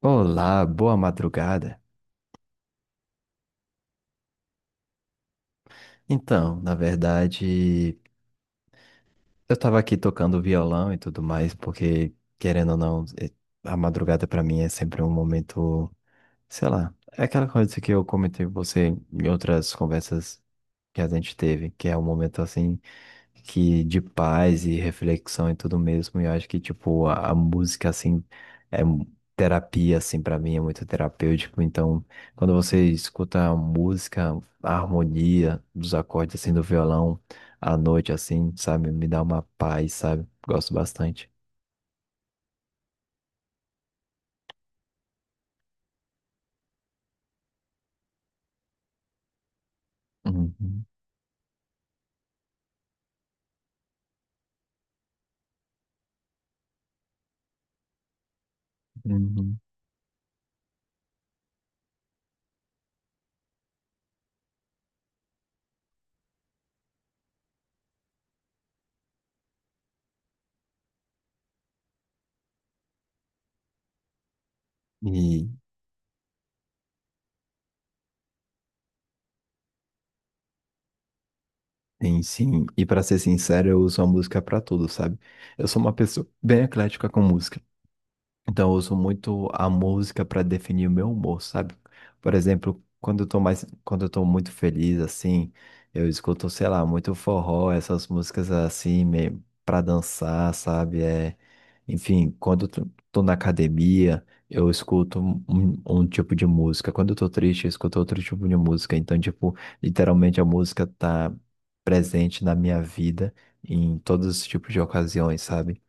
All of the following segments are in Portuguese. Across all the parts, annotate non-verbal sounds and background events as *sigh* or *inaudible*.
Olá, boa madrugada. Então, na verdade, eu tava aqui tocando violão e tudo mais, porque, querendo ou não, a madrugada pra mim é sempre um momento, sei lá, é aquela coisa que eu comentei com você em outras conversas que a gente teve, que é um momento assim, que de paz e reflexão e tudo mesmo. E eu acho que, tipo, a música, assim, é terapia, assim, pra mim, é muito terapêutico. Então, quando você escuta a música, a harmonia dos acordes, assim, do violão, à noite, assim, sabe, me dá uma paz, sabe? Gosto bastante. Uhum, uhum. E, tem sim, e pra ser sincero, eu uso a música pra tudo, sabe? Eu sou uma pessoa bem eclética com música. Então, eu uso muito a música para definir o meu humor, sabe? Por exemplo, quando eu tô muito feliz, assim, eu escuto, sei lá, muito forró, essas músicas assim, meio para dançar, sabe? É, enfim, quando eu tô na academia, eu escuto um tipo de música. Quando eu tô triste, eu escuto outro tipo de música. Então, tipo, literalmente a música tá presente na minha vida em todos os tipos de ocasiões, sabe?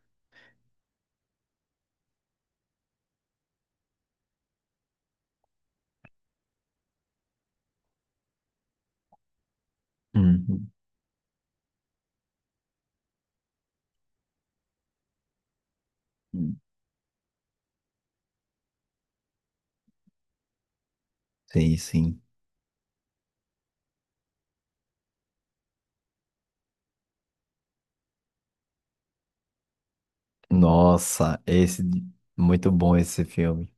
Uhum. Sim, sim. Nossa, esse muito bom esse filme.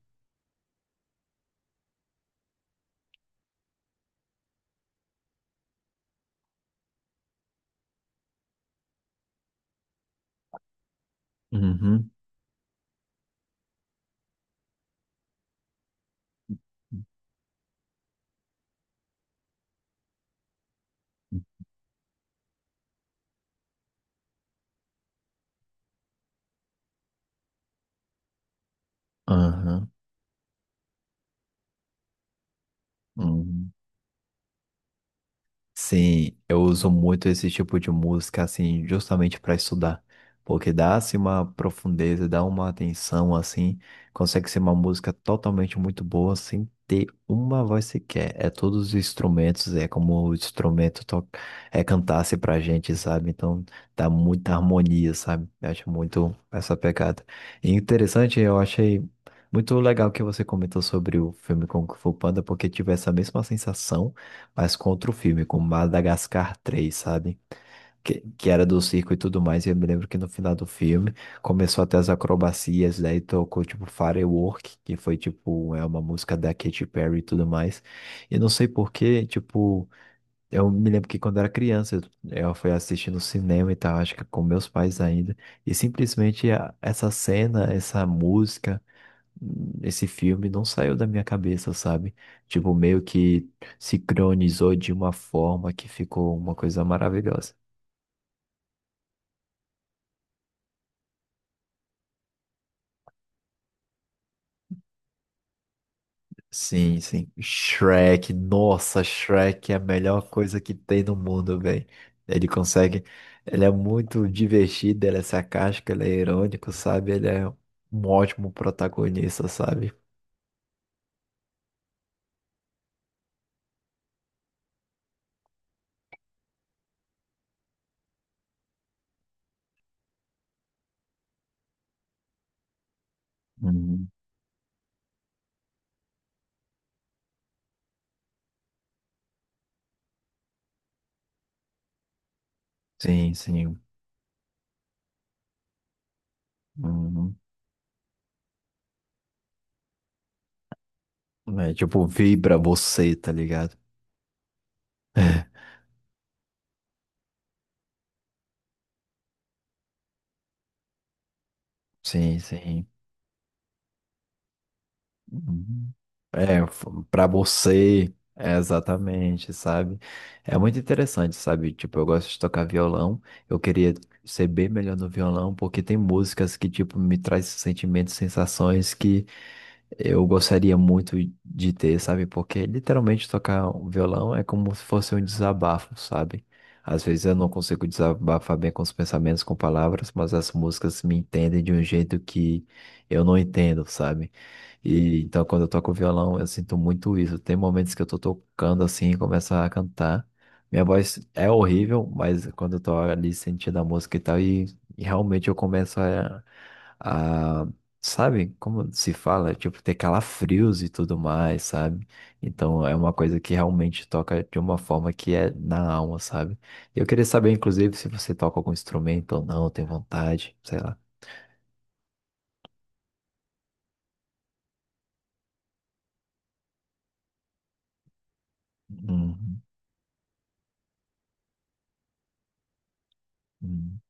Uhum. Aham. Uhum. Sim, eu uso muito esse tipo de música, assim, justamente para estudar, porque dá, assim, uma profundeza, dá uma atenção, assim, consegue ser uma música totalmente muito boa, sem ter uma voz sequer. É todos os instrumentos, é como o instrumento cantasse pra gente, sabe? Então, dá muita harmonia, sabe? Eu acho muito essa pegada. E interessante, eu achei muito legal que você comentou sobre o filme Kung Fu Panda, porque tive essa mesma sensação, mas contra o filme, com Madagascar 3, sabe? Que era do circo e tudo mais. E eu me lembro que no final do filme começou até as acrobacias, daí tocou tipo Firework, que foi tipo é uma música da Katy Perry e tudo mais. E não sei por quê, tipo, eu me lembro que quando era criança, eu fui assistir no cinema e tal, acho que com meus pais ainda, e simplesmente essa cena, essa música, esse filme não saiu da minha cabeça, sabe? Tipo, meio que sincronizou de uma forma que ficou uma coisa maravilhosa. Sim, sim. Shrek, nossa, Shrek é a melhor coisa que tem no mundo, velho. Ele consegue, ele é muito divertido, ele é sarcástico, ele é irônico, sabe? Ele é um ótimo protagonista, sabe? Uhum. Sim, sim. Uhum. É, tipo, vibra você, tá ligado? *laughs* Sim, sim. Uhum. É, para você, é exatamente, sabe? É muito interessante, sabe? Tipo, eu gosto de tocar violão, eu queria ser bem melhor no violão, porque tem músicas que, tipo, me traz sentimentos, sensações que eu gostaria muito de ter, sabe? Porque literalmente tocar um violão é como se fosse um desabafo, sabe? Às vezes eu não consigo desabafar bem com os pensamentos, com palavras, mas as músicas me entendem de um jeito que eu não entendo, sabe? E então quando eu toco violão, eu sinto muito isso. Tem momentos que eu tô tocando assim e começo a cantar. Minha voz é horrível, mas quando eu tô ali sentindo a música e tal, e realmente eu começo a. Sabe como se fala? Tipo, ter calafrios e tudo mais, sabe? Então é uma coisa que realmente toca de uma forma que é na alma, sabe? Eu queria saber, inclusive, se você toca algum instrumento ou não, tem vontade, sei lá. Uhum, uhum.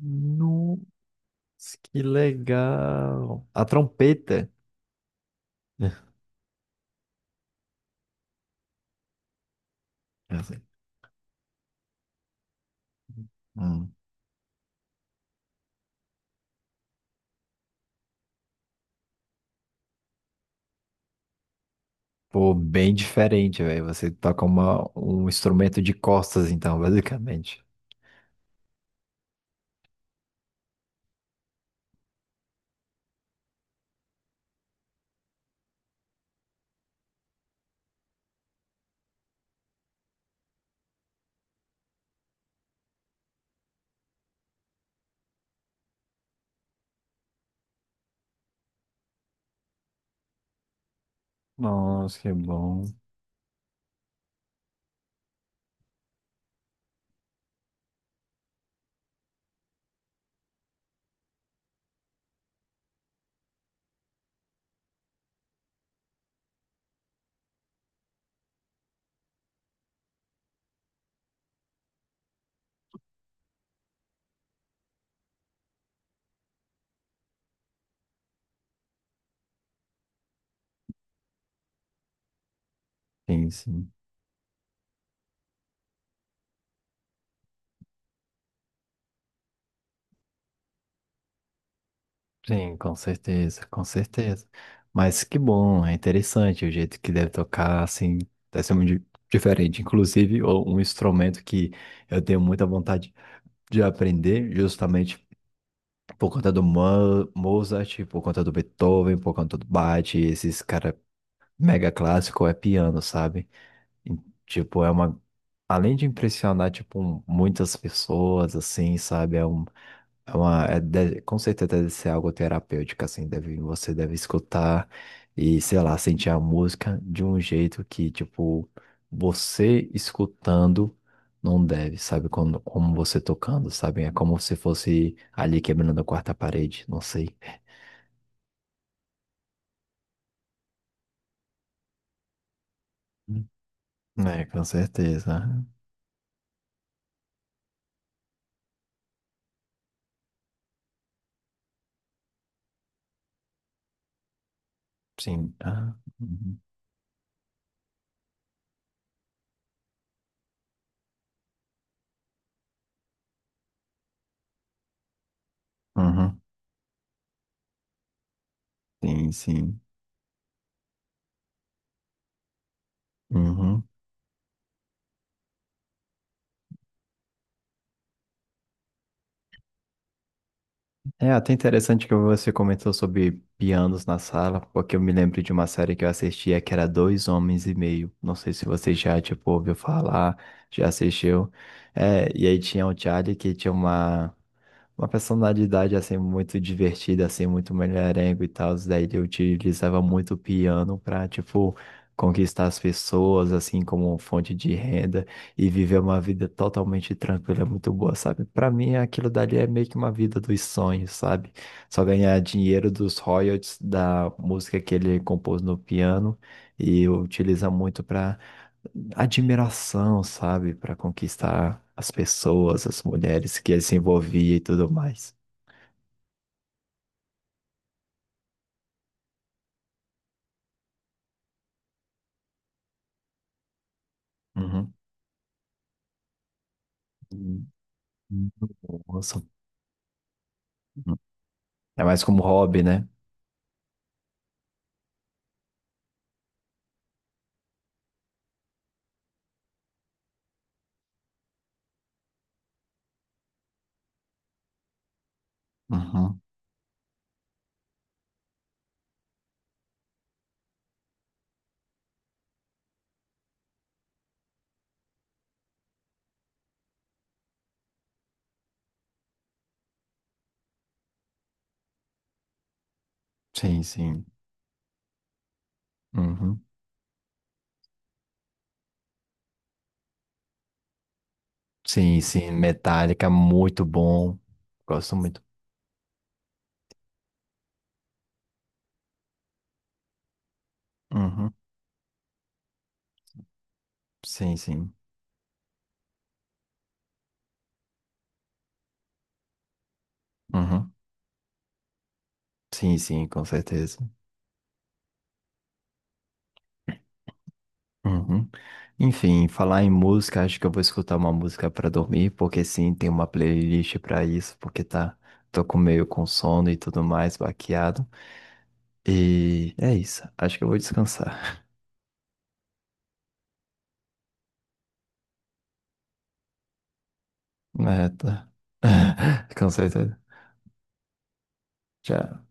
Nossa, que legal! A trompeta. *laughs* É assim. Pô, bem diferente, velho. Você toca um instrumento de costas, então, *laughs* basicamente. Nossa, que bom. Sim, sim. Sim, com certeza, com certeza. Mas que bom, é interessante o jeito que deve tocar, assim, deve ser muito diferente. Inclusive, um instrumento que eu tenho muita vontade de aprender justamente por conta do Mozart, por conta do Beethoven, por conta do Bach, esses cara mega clássico é piano, sabe? E, tipo, é uma além de impressionar tipo muitas pessoas assim, sabe? É uma, com certeza deve ser algo terapêutico, assim, deve, você deve escutar e, sei lá, sentir a música de um jeito que, tipo, você escutando não deve, sabe? Como você tocando, sabe? É como se fosse ali quebrando a quarta parede, não sei. É, com certeza. Sim. Ah, uhum. Uhum. Sim, sim. Uhum. É até interessante que você comentou sobre pianos na sala, porque eu me lembro de uma série que eu assistia que era Dois Homens e Meio. Não sei se você já, tipo, ouviu falar, já assistiu. É, e aí tinha o Charlie que tinha uma personalidade assim muito divertida, assim, muito mulherengo e tal. Daí eu utilizava muito o piano pra, tipo, conquistar as pessoas, assim, como fonte de renda e viver uma vida totalmente tranquila, muito boa, sabe? Para mim, aquilo dali é meio que uma vida dos sonhos, sabe? Só ganhar dinheiro dos royalties da música que ele compôs no piano e utiliza muito pra admiração, sabe, para conquistar as pessoas, as mulheres que ele se envolvia e tudo mais. Uhum. Hum, hum. Nossa. Uhum. É mais como hobby, né? Uhum. Sim, sim. Uhum. Sim, sim. Metallica, muito bom. Gosto muito. Uhum. Sim, sim. Uhum. Sim, sim, com certeza. Uhum. Enfim, falar em música, acho que eu vou escutar uma música pra dormir, porque sim, tem uma playlist pra isso, porque tá, tô com meio com sono e tudo mais, baqueado. E é isso, acho que eu vou descansar. É, tá. *laughs* Com certeza. Tchau.